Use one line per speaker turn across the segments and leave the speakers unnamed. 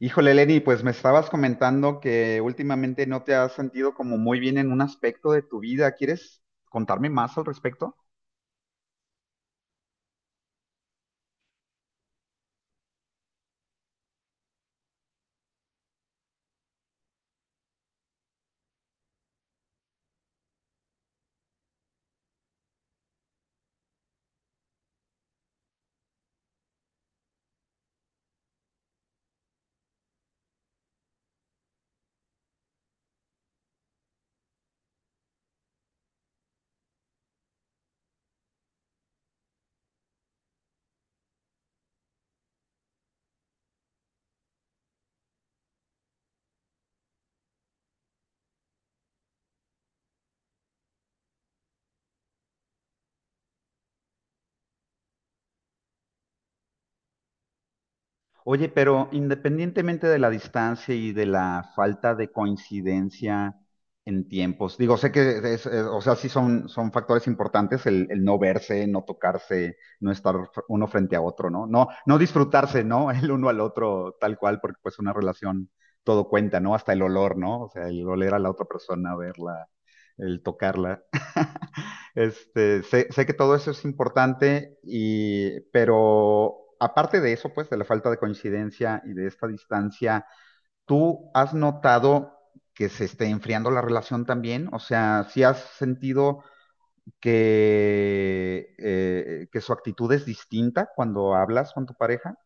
Híjole, Lenny, pues me estabas comentando que últimamente no te has sentido como muy bien en un aspecto de tu vida. ¿Quieres contarme más al respecto? Oye, pero independientemente de la distancia y de la falta de coincidencia en tiempos, digo, sé que o sea, sí son, son factores importantes el no verse, no tocarse, no estar uno frente a otro, ¿no? No, no disfrutarse, ¿no? El uno al otro tal cual, porque pues una relación todo cuenta, ¿no? Hasta el olor, ¿no? O sea, el oler a la otra persona, verla el tocarla. Sé que todo eso es importante, y, pero aparte de eso, pues, de la falta de coincidencia y de esta distancia, ¿tú has notado que se esté enfriando la relación también? O sea, ¿sí has sentido que su actitud es distinta cuando hablas con tu pareja?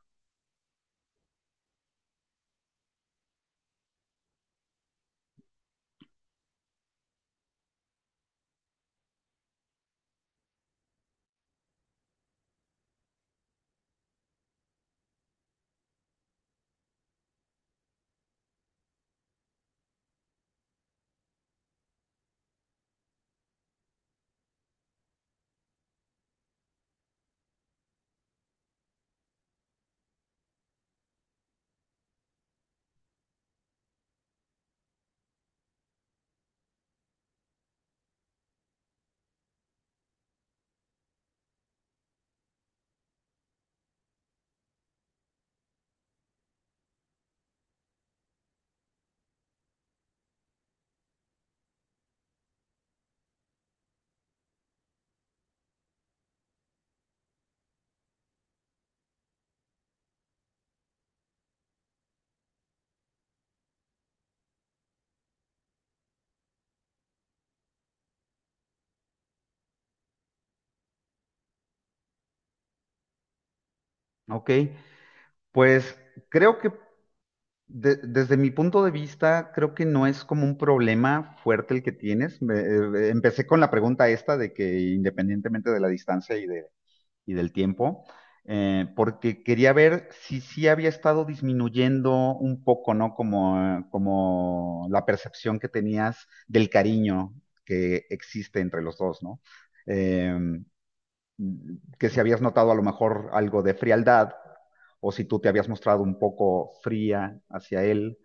Ok, pues creo que desde mi punto de vista, creo que no es como un problema fuerte el que tienes. Empecé con la pregunta esta de que independientemente de la distancia y del tiempo, porque quería ver si sí había estado disminuyendo un poco, ¿no? Como la percepción que tenías del cariño que existe entre los dos, ¿no? Em, que si habías notado a lo mejor algo de frialdad o si tú te habías mostrado un poco fría hacia él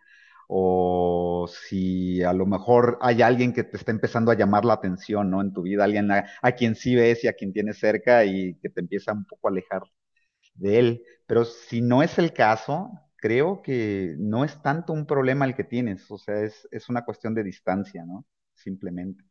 o si a lo mejor hay alguien que te está empezando a llamar la atención, ¿no? En tu vida, alguien a quien sí ves y a quien tienes cerca y que te empieza un poco a alejar de él. Pero si no es el caso, creo que no es tanto un problema el que tienes, o sea, es una cuestión de distancia, ¿no? Simplemente.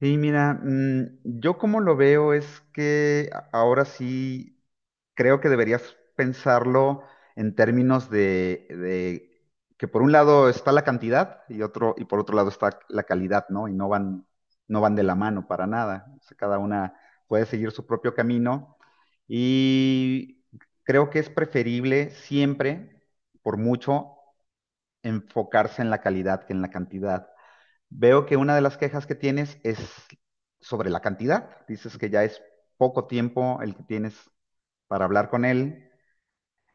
Sí, mira, yo como lo veo es que ahora sí creo que deberías pensarlo en términos de que por un lado está la cantidad y otro, y por otro lado está la calidad, ¿no? Y no van, no van de la mano para nada. O sea, cada una puede seguir su propio camino. Y creo que es preferible siempre, por mucho, enfocarse en la calidad que en la cantidad. Veo que una de las quejas que tienes es sobre la cantidad. Dices que ya es poco tiempo el que tienes para hablar con él,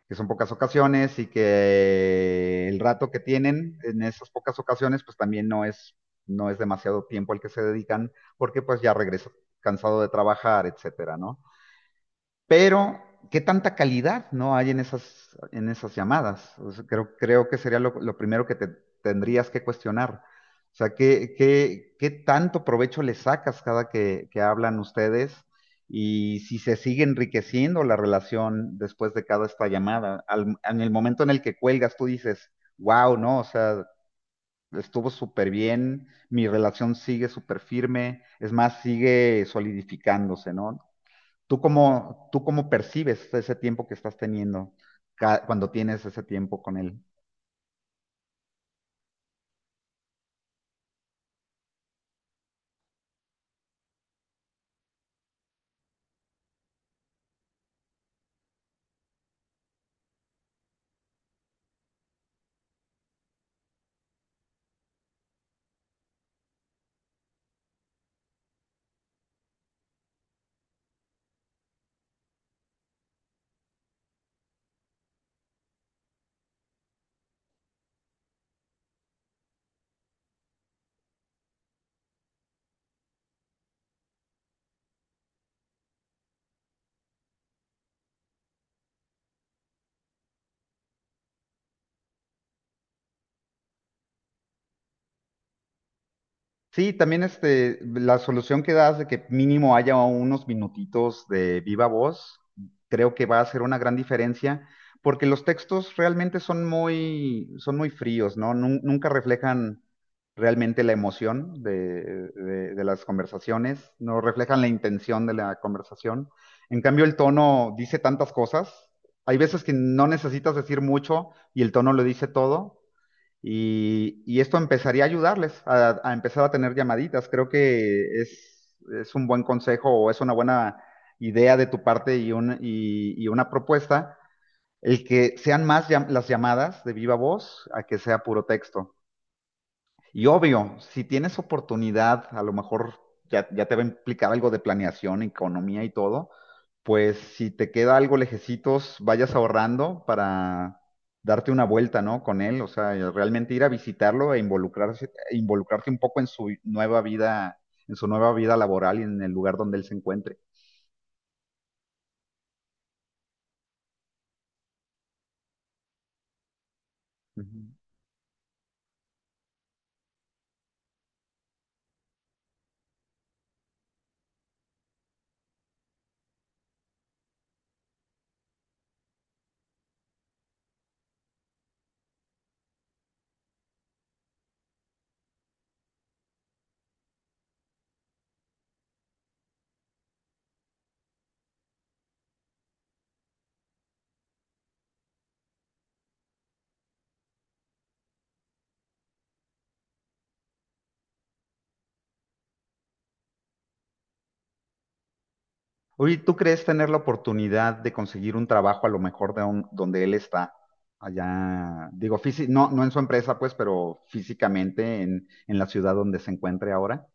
que son pocas ocasiones y que el rato que tienen en esas pocas ocasiones, pues también no es, no es demasiado tiempo el que se dedican, porque pues ya regresa cansado de trabajar, etcétera, ¿no? Pero, ¿qué tanta calidad no hay en esas llamadas? O sea, creo, creo que sería lo primero que te tendrías que cuestionar. O sea, ¿qué, qué tanto provecho le sacas cada que hablan ustedes? Y si se sigue enriqueciendo la relación después de cada esta llamada. En el momento en el que cuelgas, tú dices, wow, ¿no? O sea, estuvo súper bien, mi relación sigue súper firme, es más, sigue solidificándose, ¿no? Tú cómo percibes ese tiempo que estás teniendo cuando tienes ese tiempo con él? Sí, también este, la solución que das de que mínimo haya unos minutitos de viva voz, creo que va a hacer una gran diferencia, porque los textos realmente son muy fríos, ¿no? Nunca reflejan realmente la emoción de las conversaciones, no reflejan la intención de la conversación. En cambio, el tono dice tantas cosas. Hay veces que no necesitas decir mucho y el tono lo dice todo. Y esto empezaría a ayudarles a empezar a tener llamaditas. Creo que es un buen consejo o es una buena idea de tu parte y y una propuesta el que sean más las llamadas de viva voz a que sea puro texto. Y obvio, si tienes oportunidad, a lo mejor ya, ya te va a implicar algo de planeación, economía y todo, pues si te queda algo lejecitos, vayas ahorrando para darte una vuelta, ¿no? Con él, o sea, y realmente ir a visitarlo e involucrarse, e involucrarte un poco en su nueva vida, en su nueva vida laboral y en el lugar donde él se encuentre. Ujú. Oye, ¿tú crees tener la oportunidad de conseguir un trabajo a lo mejor de donde él está? Allá, digo, no, no en su empresa, pues, pero físicamente en la ciudad donde se encuentre ahora.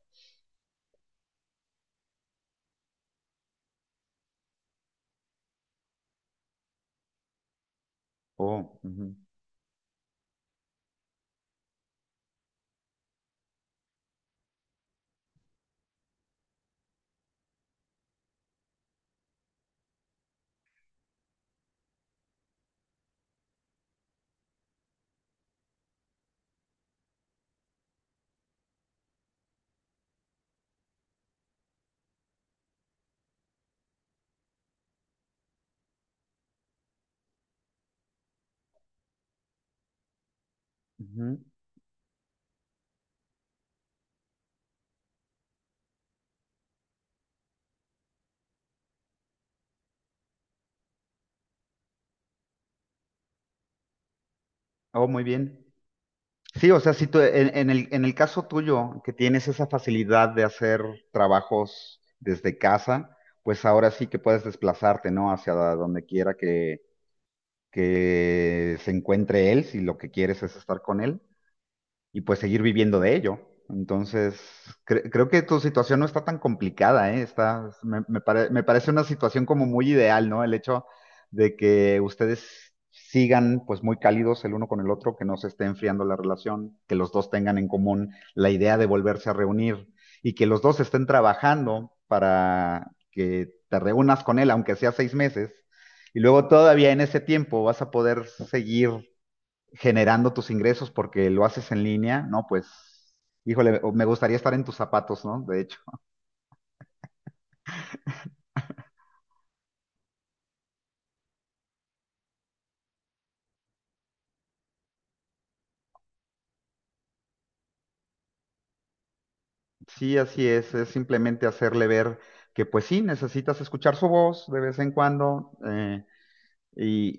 Oh, ujú, ujú. Oh, muy bien. Sí, o sea, si tú, en el caso tuyo, que tienes esa facilidad de hacer trabajos desde casa, pues ahora sí que puedes desplazarte, ¿no? Hacia donde quiera que se encuentre él, si lo que quieres es estar con él. Y pues seguir viviendo de ello. Entonces, creo que tu situación no está tan complicada, ¿eh? Está, me, me parece una situación como muy ideal, ¿no? El hecho de que ustedes sigan pues muy cálidos el uno con el otro, que no se esté enfriando la relación, que los dos tengan en común la idea de volverse a reunir y que los dos estén trabajando para que te reúnas con él, aunque sea 6 meses, y luego todavía en ese tiempo vas a poder seguir generando tus ingresos porque lo haces en línea, ¿no? Pues, híjole, o me gustaría estar en tus zapatos, ¿no? De hecho, sí, así es simplemente hacerle ver que pues sí, necesitas escuchar su voz de vez en cuando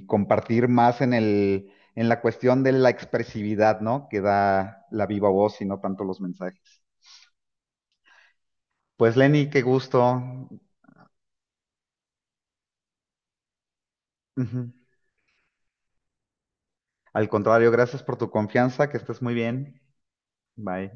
y compartir más en el, en la cuestión de la expresividad, ¿no? Que da la viva voz y no tanto los mensajes. Pues Lenny, qué gusto. Ujú. Al contrario, gracias por tu confianza, que estés muy bien. Bye.